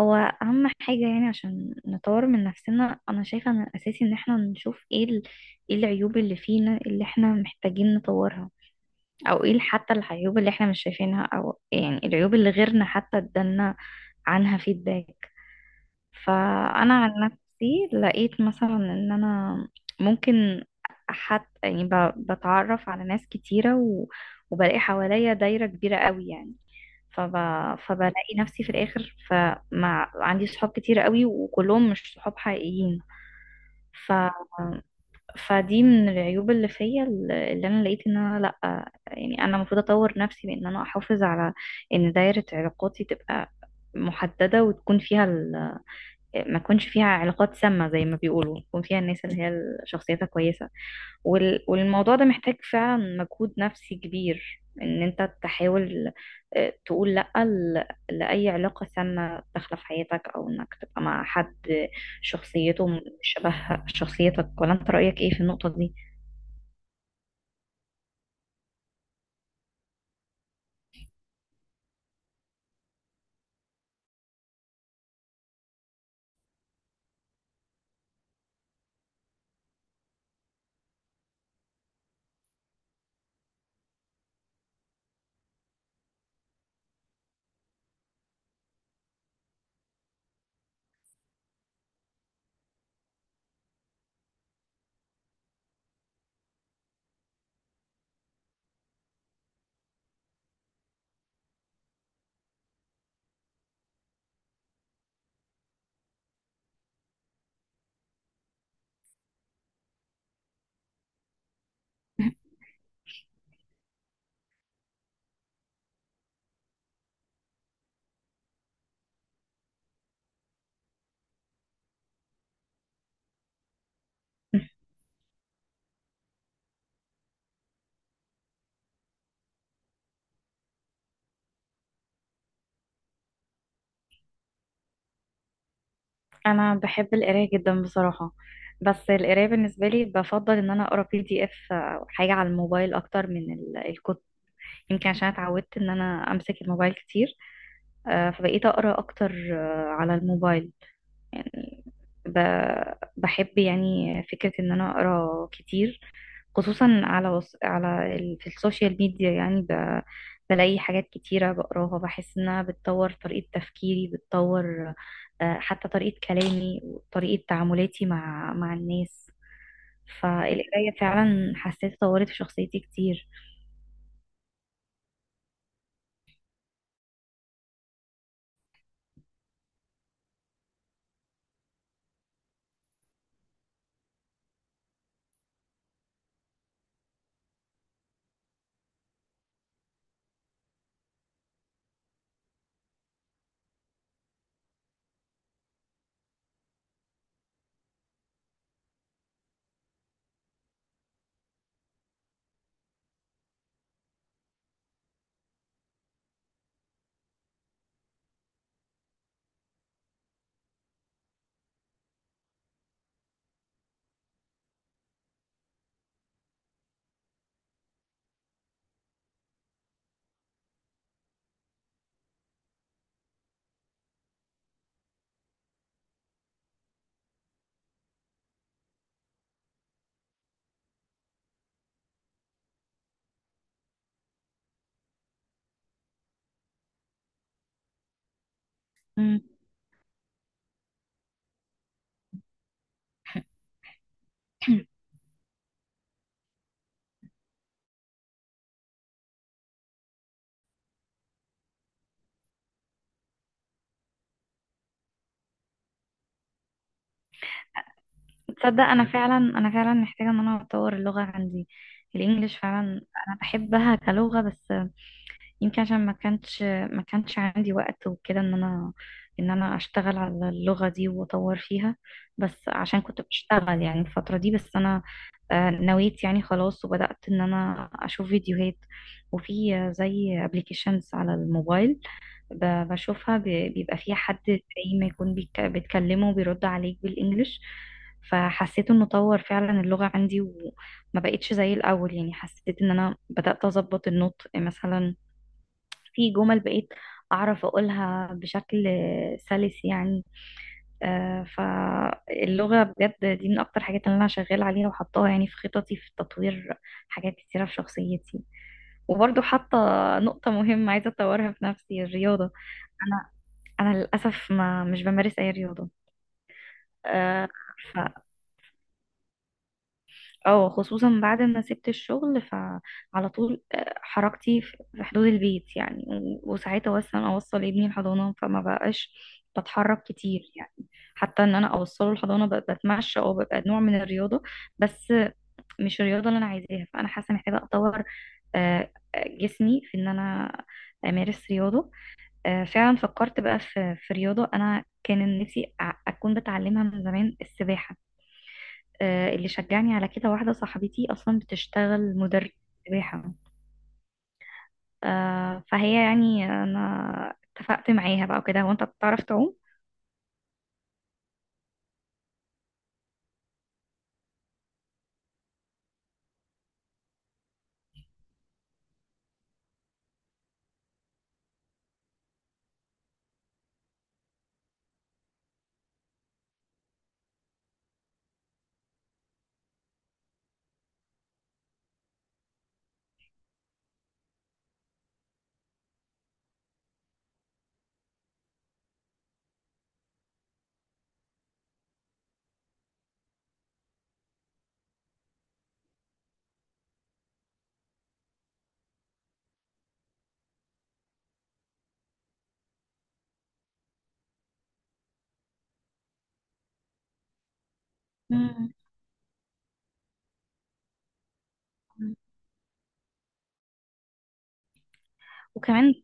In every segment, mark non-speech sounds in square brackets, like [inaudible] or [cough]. هو اهم حاجة يعني عشان نطور من نفسنا، انا شايفة ان الاساسي ان احنا نشوف ايه العيوب اللي فينا اللي احنا محتاجين نطورها، او ايه حتى العيوب اللي احنا مش شايفينها، او يعني العيوب اللي غيرنا حتى ادالنا عنها فيدباك. فانا عن نفسي لقيت مثلا ان انا ممكن حتى يعني بتعرف على ناس كتيرة وبلاقي حواليا دايرة كبيرة قوي يعني. فب... فبلاقي نفسي في الاخر فمع عندي صحاب كتير قوي وكلهم مش صحاب حقيقيين. ف... فدي من العيوب اللي فيا اللي انا لقيت. ان انا لا، يعني انا المفروض اطور نفسي بان انا احافظ على ان دايرة علاقاتي تبقى محددة وتكون فيها ما تكونش فيها علاقات سامة زي ما بيقولوا، تكون فيها الناس اللي هي شخصيتها كويسة. والموضوع ده محتاج فعلا مجهود نفسي كبير ان انت تحاول تقول لأ لأي علاقة سامة داخلة في حياتك، او انك تبقى مع حد شخصيته مش شبه شخصيتك. ولا انت رأيك ايه في النقطة دي؟ [laughs] انا بحب القراية جدا بصراحة. بس القراية بالنسبة لي بفضل ان انا اقرا بي دي اف او حاجة على الموبايل اكتر من الكتب. يمكن عشان اتعودت ان انا امسك الموبايل كتير. فبقيت اقرا اكتر على الموبايل. يعني ب... بحب يعني فكرة إن أنا أقرأ كتير، خصوصا على في السوشيال ميديا. يعني بلاقي حاجات كتيرة بقراها بحس إنها بتطور طريقة تفكيري، بتطور حتى طريقة كلامي وطريقة تعاملاتي مع الناس. فالقراية فعلا حسيت طورت في شخصيتي كتير. مم. [clears throat] تصدق أنا فعلا محتاجة إن أنا أطور اللغة عندي، الإنجليش فعلا. أنا بحبها كلغة، بس يمكن عشان ما كانش عندي وقت وكده ان انا اشتغل على اللغة دي واطور فيها. بس عشان كنت بشتغل يعني الفترة دي. بس انا نويت يعني خلاص وبدأت ان انا اشوف فيديوهات. وفي زي ابلكيشنز على الموبايل، بشوفها. بيبقى فيها حد زي ما يكون بتكلمه وبيرد عليك بالانجلش. فحسيت انه طور فعلا اللغة عندي وما بقتش زي الاول. يعني حسيت ان انا بدأت اظبط النطق مثلا. في جمل بقيت أعرف أقولها بشكل سلس يعني. فاللغة بجد دي من أكتر حاجات اللي أنا شغالة عليها وحطاها يعني في خططي، في تطوير حاجات كتيرة في شخصيتي. وبرضو حاطة نقطة مهمة عايزة أطورها في نفسي، الرياضة. أنا أنا للأسف ما مش بمارس أي رياضة. آه، اه خصوصا بعد ما سبت الشغل، فعلى طول حركتي في حدود البيت يعني. وساعتها اصلا اوصل ابني الحضانه فما بقاش بتحرك كتير يعني. حتى ان انا اوصله الحضانه بتمشى او ببقى نوع من الرياضه. بس مش الرياضه اللي انا عايزاها. فانا حاسه محتاجه اطور جسمي في ان انا امارس رياضه. فعلا فكرت بقى في رياضه انا كان نفسي اكون بتعلمها من زمان، السباحه. اللي شجعني على كده واحدة صاحبتي أصلا بتشتغل مدرب سباحة. فهي يعني أنا اتفقت معاها بقى وكده. وأنت بتعرف تعوم؟ مم. وكمان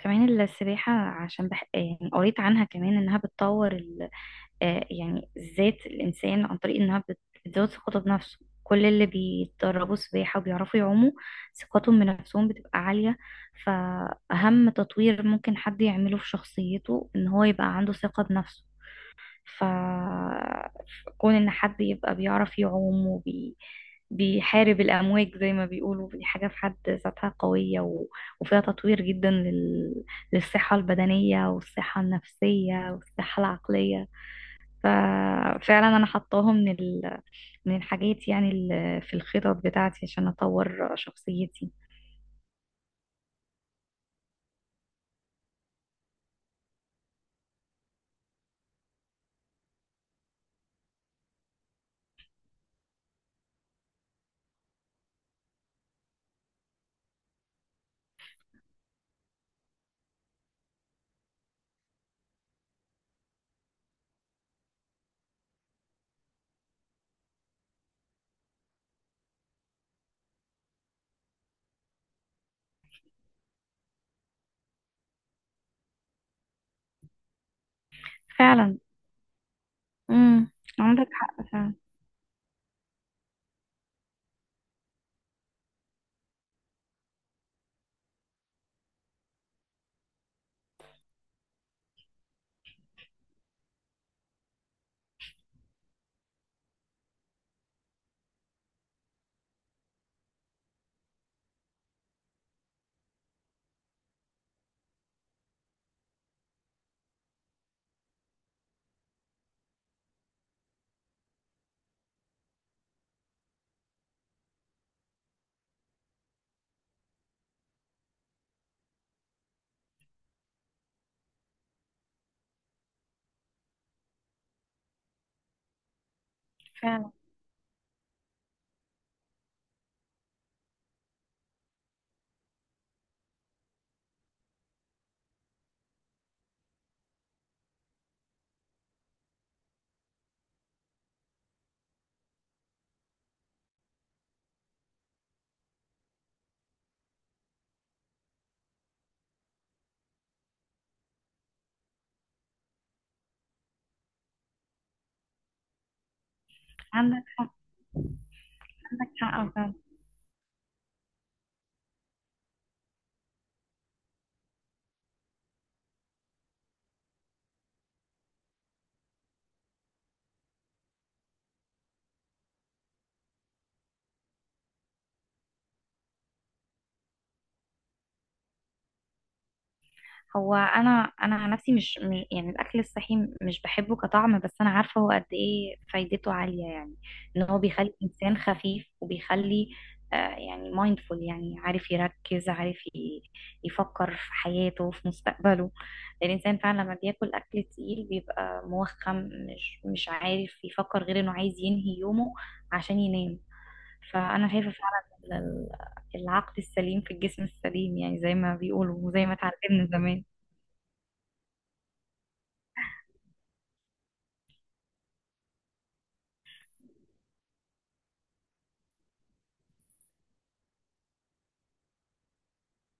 كمان السباحة عشان يعني قريت عنها كمان إنها بتطور ال... آه، يعني ذات الإنسان، عن طريق إنها بتزود ثقته بنفسه. كل اللي بيتدربوا سباحة وبيعرفوا يعوموا ثقتهم بنفسهم بتبقى عالية. فأهم تطوير ممكن حد يعمله في شخصيته إن هو يبقى عنده ثقة بنفسه. ف كون ان حد يبقى بيعرف يعوم بيحارب الأمواج زي ما بيقولوا، دي حاجة في حد ذاتها قوية وفيها تطوير جدا للصحة البدنية والصحة النفسية والصحة العقلية. ففعلا أنا حطاها من من الحاجات يعني في الخطط بتاعتي عشان أطور شخصيتي. فعلا. امم. عندك حق فعلا. فعلا، عندك عندك حق فعلا. هو انا عن نفسي يعني الاكل الصحي مش بحبه كطعم. بس انا عارفه هو قد ايه فايدته عاليه، يعني ان هو بيخلي الانسان خفيف. وبيخلي يعني مايندفول، يعني عارف يركز، عارف يفكر في حياته في مستقبله. الانسان فعلا لما بياكل اكل تقيل بيبقى موخم. مش عارف يفكر غير انه عايز ينهي يومه عشان ينام. فانا شايفه فعلا ال- العقل السليم في الجسم السليم، يعني زي ما بيقولوا وزي ما اتعلمنا زمان.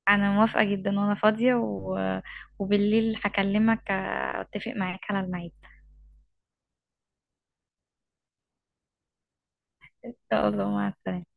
انا موافقة جدا وانا فاضية وبالليل هكلمك، اتفق معاك على الميعاد. ان شاء الله، مع السلامة.